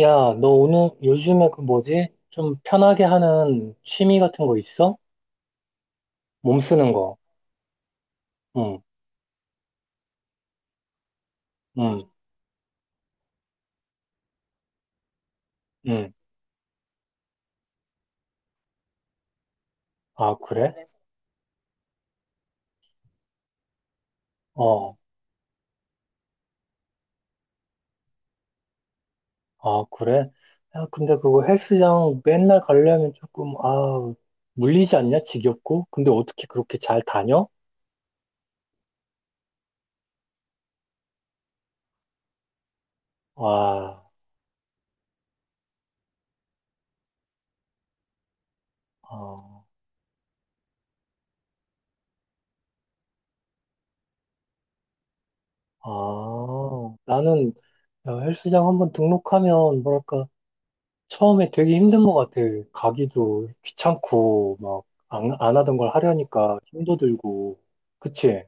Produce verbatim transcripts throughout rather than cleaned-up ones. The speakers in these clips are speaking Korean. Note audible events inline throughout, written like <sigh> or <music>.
야, 너 오늘 요즘에 그 뭐지? 좀 편하게 하는 취미 같은 거 있어? 몸 쓰는 거. 응, 응, 응. 아, 그래? 어, 아, 그래? 야, 근데 그거 헬스장 맨날 가려면 조금, 아, 물리지 않냐? 지겹고? 근데 어떻게 그렇게 잘 다녀? 와, 아, 아, 나는 야, 헬스장 한번 등록하면, 뭐랄까, 처음에 되게 힘든 것 같아. 가기도 귀찮고, 막, 안, 안 하던 걸 하려니까 힘도 들고. 그치?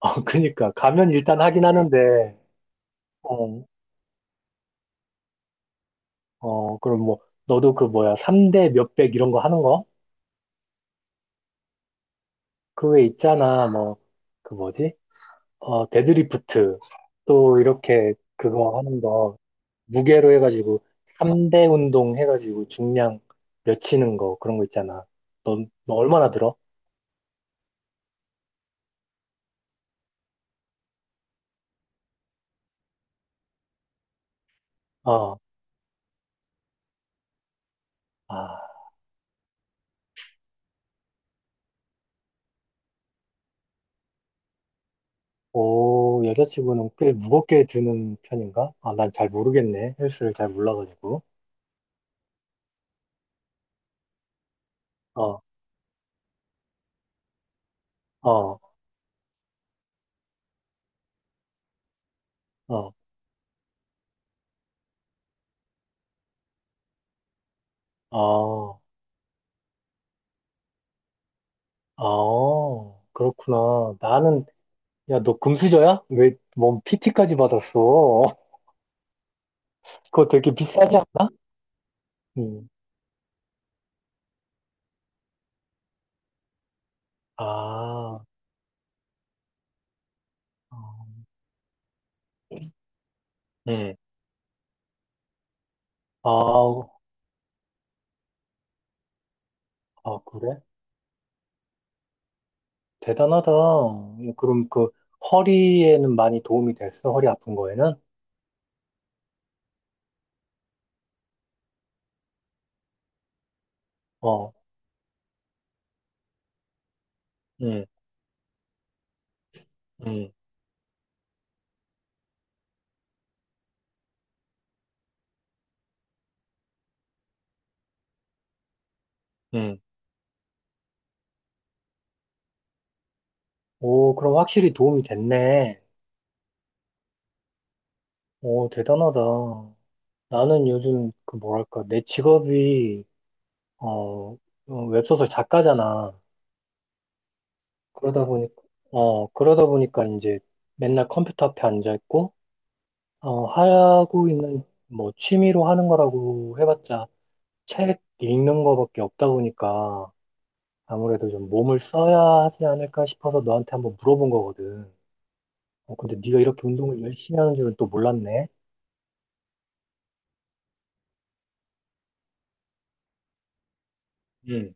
<laughs> 그니까. 가면 일단 하긴 하는데, 어, 어, 그럼 뭐, 너도 그 뭐야, 삼 대 몇백 이런 거 하는 거? 그 외에 있잖아, 뭐, 그 뭐지? 어, 데드리프트. 또 이렇게 그거 하는 거, 무게로 해가지고, 삼 대 운동 해가지고 중량 몇 치는 거, 그런 거 있잖아. 넌, 너 얼마나 들어? 어, 아. 오, 여자친구는 꽤 무겁게 드는 편인가? 아, 난 잘 모르겠네. 헬스를 잘 몰라가지고. 어, 어, 어, 어, 어, 그렇구나. 나는, 야, 너 금수저야? 왜, 뭔 피티까지 받았어? <laughs> 그거 되게 비싸지 않나? 음, 아, 어, 음, 아, 아, 그래? 대단하다. 그럼 그, 허리에는 많이 도움이 됐어? 허리 아픈 거에는? 어, 응 응 응 오, 그럼 확실히 도움이 됐네. 오, 대단하다. 나는 요즘 그 뭐랄까, 내 직업이, 어, 어, 웹소설 작가잖아. 그러다 보니까, 어, 그러다 보니까 이제 맨날 컴퓨터 앞에 앉아있고, 어, 하고 있는 뭐 취미로 하는 거라고 해봤자 책 읽는 거밖에 없다 보니까 아무래도 좀 몸을 써야 하지 않을까 싶어서 너한테 한번 물어본 거거든. 어, 근데 네가 이렇게 운동을 열심히 하는 줄은 또 몰랐네. 응,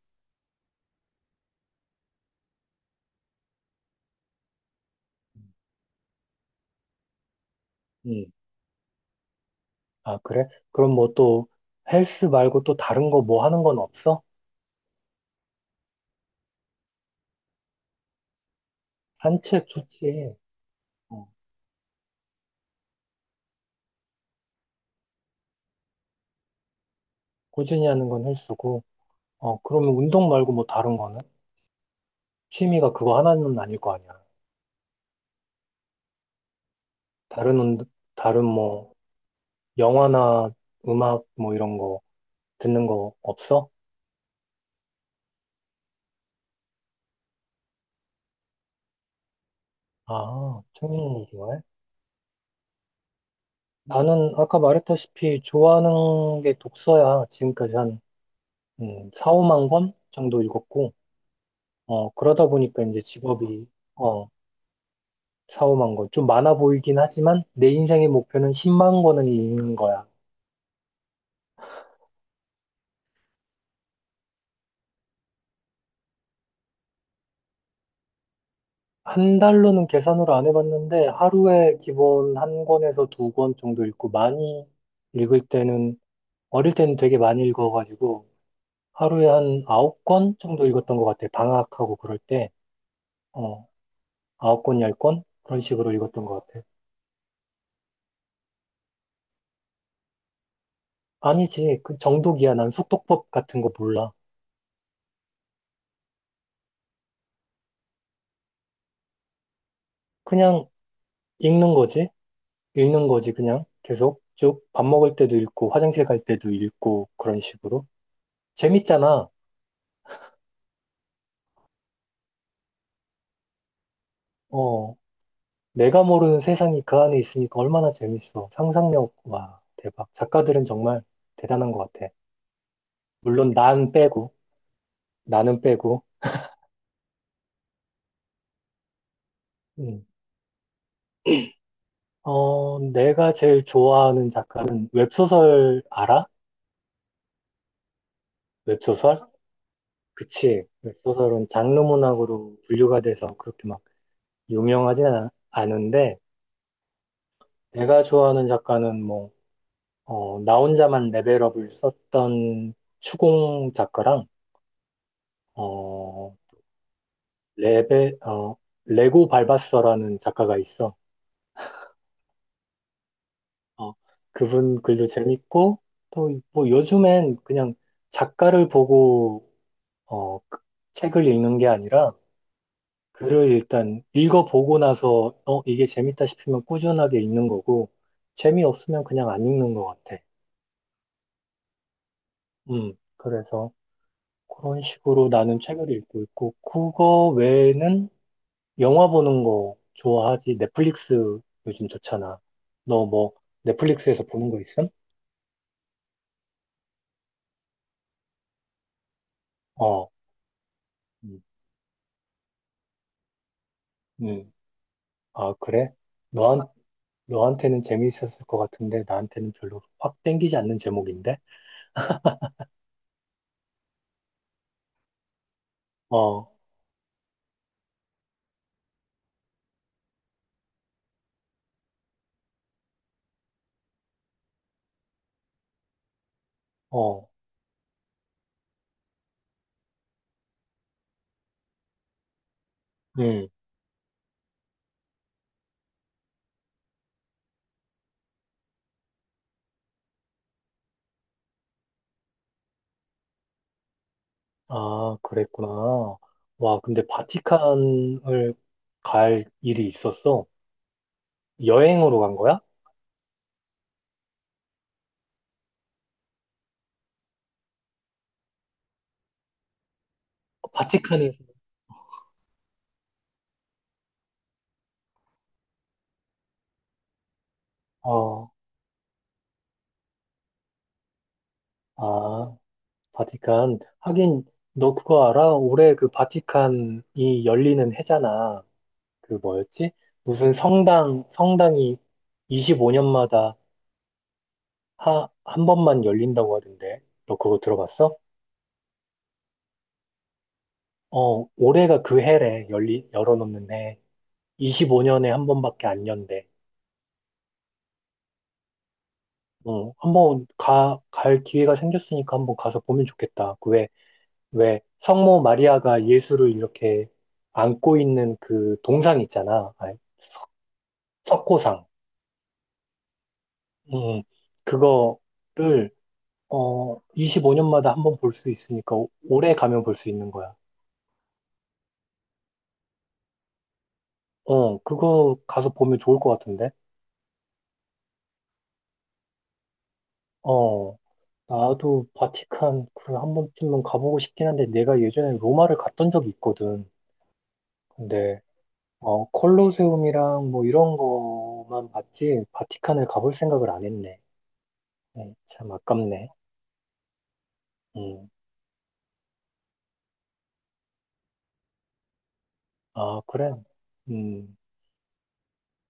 응. 아, 그래? 그럼 뭐 또 헬스 말고 또 다른 거 뭐 하는 건 없어? 산책 좋지. 어, 꾸준히 하는 건 헬스고. 어, 그러면 운동 말고 뭐 다른 거는? 취미가 그거 하나는 아닐 거 아니야. 다른 운 다른 뭐 영화나 음악 뭐 이런 거 듣는 거 없어? 아, 청량이 좋아해? 나는 아까 말했다시피 좋아하는 게 독서야. 지금까지 한 음, 사, 오만 권 정도 읽었고. 어, 그러다 보니까 이제 직업이 어, 사, 오만 권. 좀 많아 보이긴 하지만 내 인생의 목표는 십만 권은 읽는 거야. 한 달로는 계산으로 안 해봤는데 하루에 기본 한 권에서 두 권 정도 읽고 많이 읽을 때는 어릴 때는 되게 많이 읽어가지고 하루에 한 아홉 권 정도 읽었던 것 같아. 방학하고 그럴 때. 어, 아홉 권, 열 권? 그런 식으로 읽었던 것 같아. 아니지. 그 정독이야. 난 속독법 같은 거 몰라. 그냥 읽는 거지. 읽는 거지, 그냥. 계속 쭉 밥 먹을 때도 읽고, 화장실 갈 때도 읽고, 그런 식으로. 재밌잖아. 어, 내가 모르는 세상이 그 안에 있으니까 얼마나 재밌어. 상상력, 와, 대박. 작가들은 정말 대단한 것 같아. 물론 난 빼고, 나는 빼고. 음. 어, 내가 제일 좋아하는 작가는 웹소설 알아? 웹소설? 그치. 웹소설은 장르 문학으로 분류가 돼서 그렇게 막 유명하진 않- 않은데, 내가 좋아하는 작가는 뭐, 어, 나 혼자만 레벨업을 썼던 추공 작가랑, 어, 레벨, 어, 레고 발바서라는 작가가 있어. 어, 그분 글도 재밌고, 또, 뭐, 요즘엔 그냥 작가를 보고, 어, 그 책을 읽는 게 아니라, 글을 일단 읽어보고 나서, 어, 이게 재밌다 싶으면 꾸준하게 읽는 거고, 재미없으면 그냥 안 읽는 것 같아. 음, 그래서 그런 식으로 나는 책을 읽고 있고, 국어 외에는 영화 보는 거 좋아하지? 넷플릭스 요즘 좋잖아. 너 뭐 넷플릭스에서 보는 거 있음? 어, 음, 음. 아, 그래? 너한, 너한테는 재미있었을 것 같은데 나한테는 별로 확 땡기지 않는 제목인데? 어, 어, 음. 아, 그랬구나. 와, 근데 바티칸을 갈 일이 있었어? 여행으로 간 거야? 바티칸에, 어, 아. 바티칸. 하긴, 너 그거 알아? 올해 그 바티칸이 열리는 해잖아. 그 뭐였지? 무슨 성당, 성당이 이십오 년마다 하, 한 번만 열린다고 하던데. 너 그거 들어봤어? 어, 올해가 그 해래. 열리, 열어놓는 해. 이십오 년에 한 번밖에 안 연대. 어, 한번 가, 갈 기회가 생겼으니까 한 번 가서 보면 좋겠다. 그 왜, 왜, 성모 마리아가 예수를 이렇게 안고 있는 그 동상 있잖아. 아니, 석고상. 음, 그거를, 어, 이십오 년마다 한 번 볼 수 있으니까 오- 올해 가면 볼 수 있는 거야. 어, 그거 가서 보면 좋을 것 같은데? 어, 나도 바티칸, 그래, 한 번쯤은 가보고 싶긴 한데, 내가 예전에 로마를 갔던 적이 있거든. 근데, 어, 콜로세움이랑 뭐 이런 거만 봤지, 바티칸을 가볼 생각을 안 했네. 네, 참 아깝네. 음, 아, 그래. 음,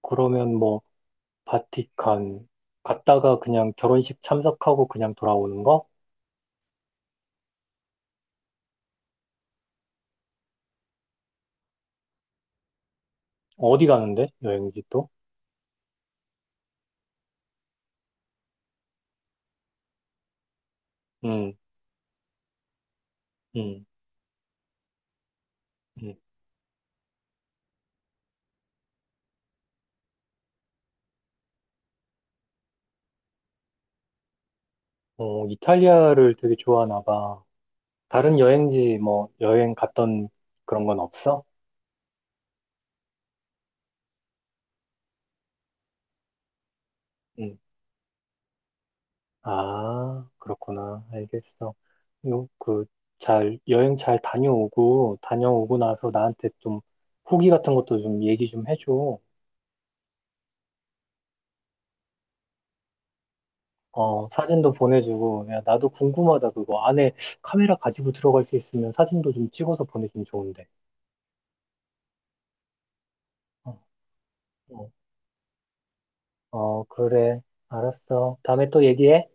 그러면 뭐, 바티칸. 갔다가 그냥 결혼식 참석하고 그냥 돌아오는 거? 어디 가는데? 여행지 또? 음, 음, 음. 어, 이탈리아를 되게 좋아하나 봐. 다른 여행지 뭐 여행 갔던 그런 건 없어? 음. 아, 그렇구나. 알겠어. 요, 그, 잘, 여행 잘 다녀오고, 다녀오고 나서 나한테 좀 후기 같은 것도 좀 얘기 좀 해줘. 어, 사진도 보내주고, 야, 나도 궁금하다, 그거. 안에 카메라 가지고 들어갈 수 있으면 사진도 좀 찍어서 보내주면 좋은데. 어, 어, 어, 그래. 알았어. 다음에 또 얘기해.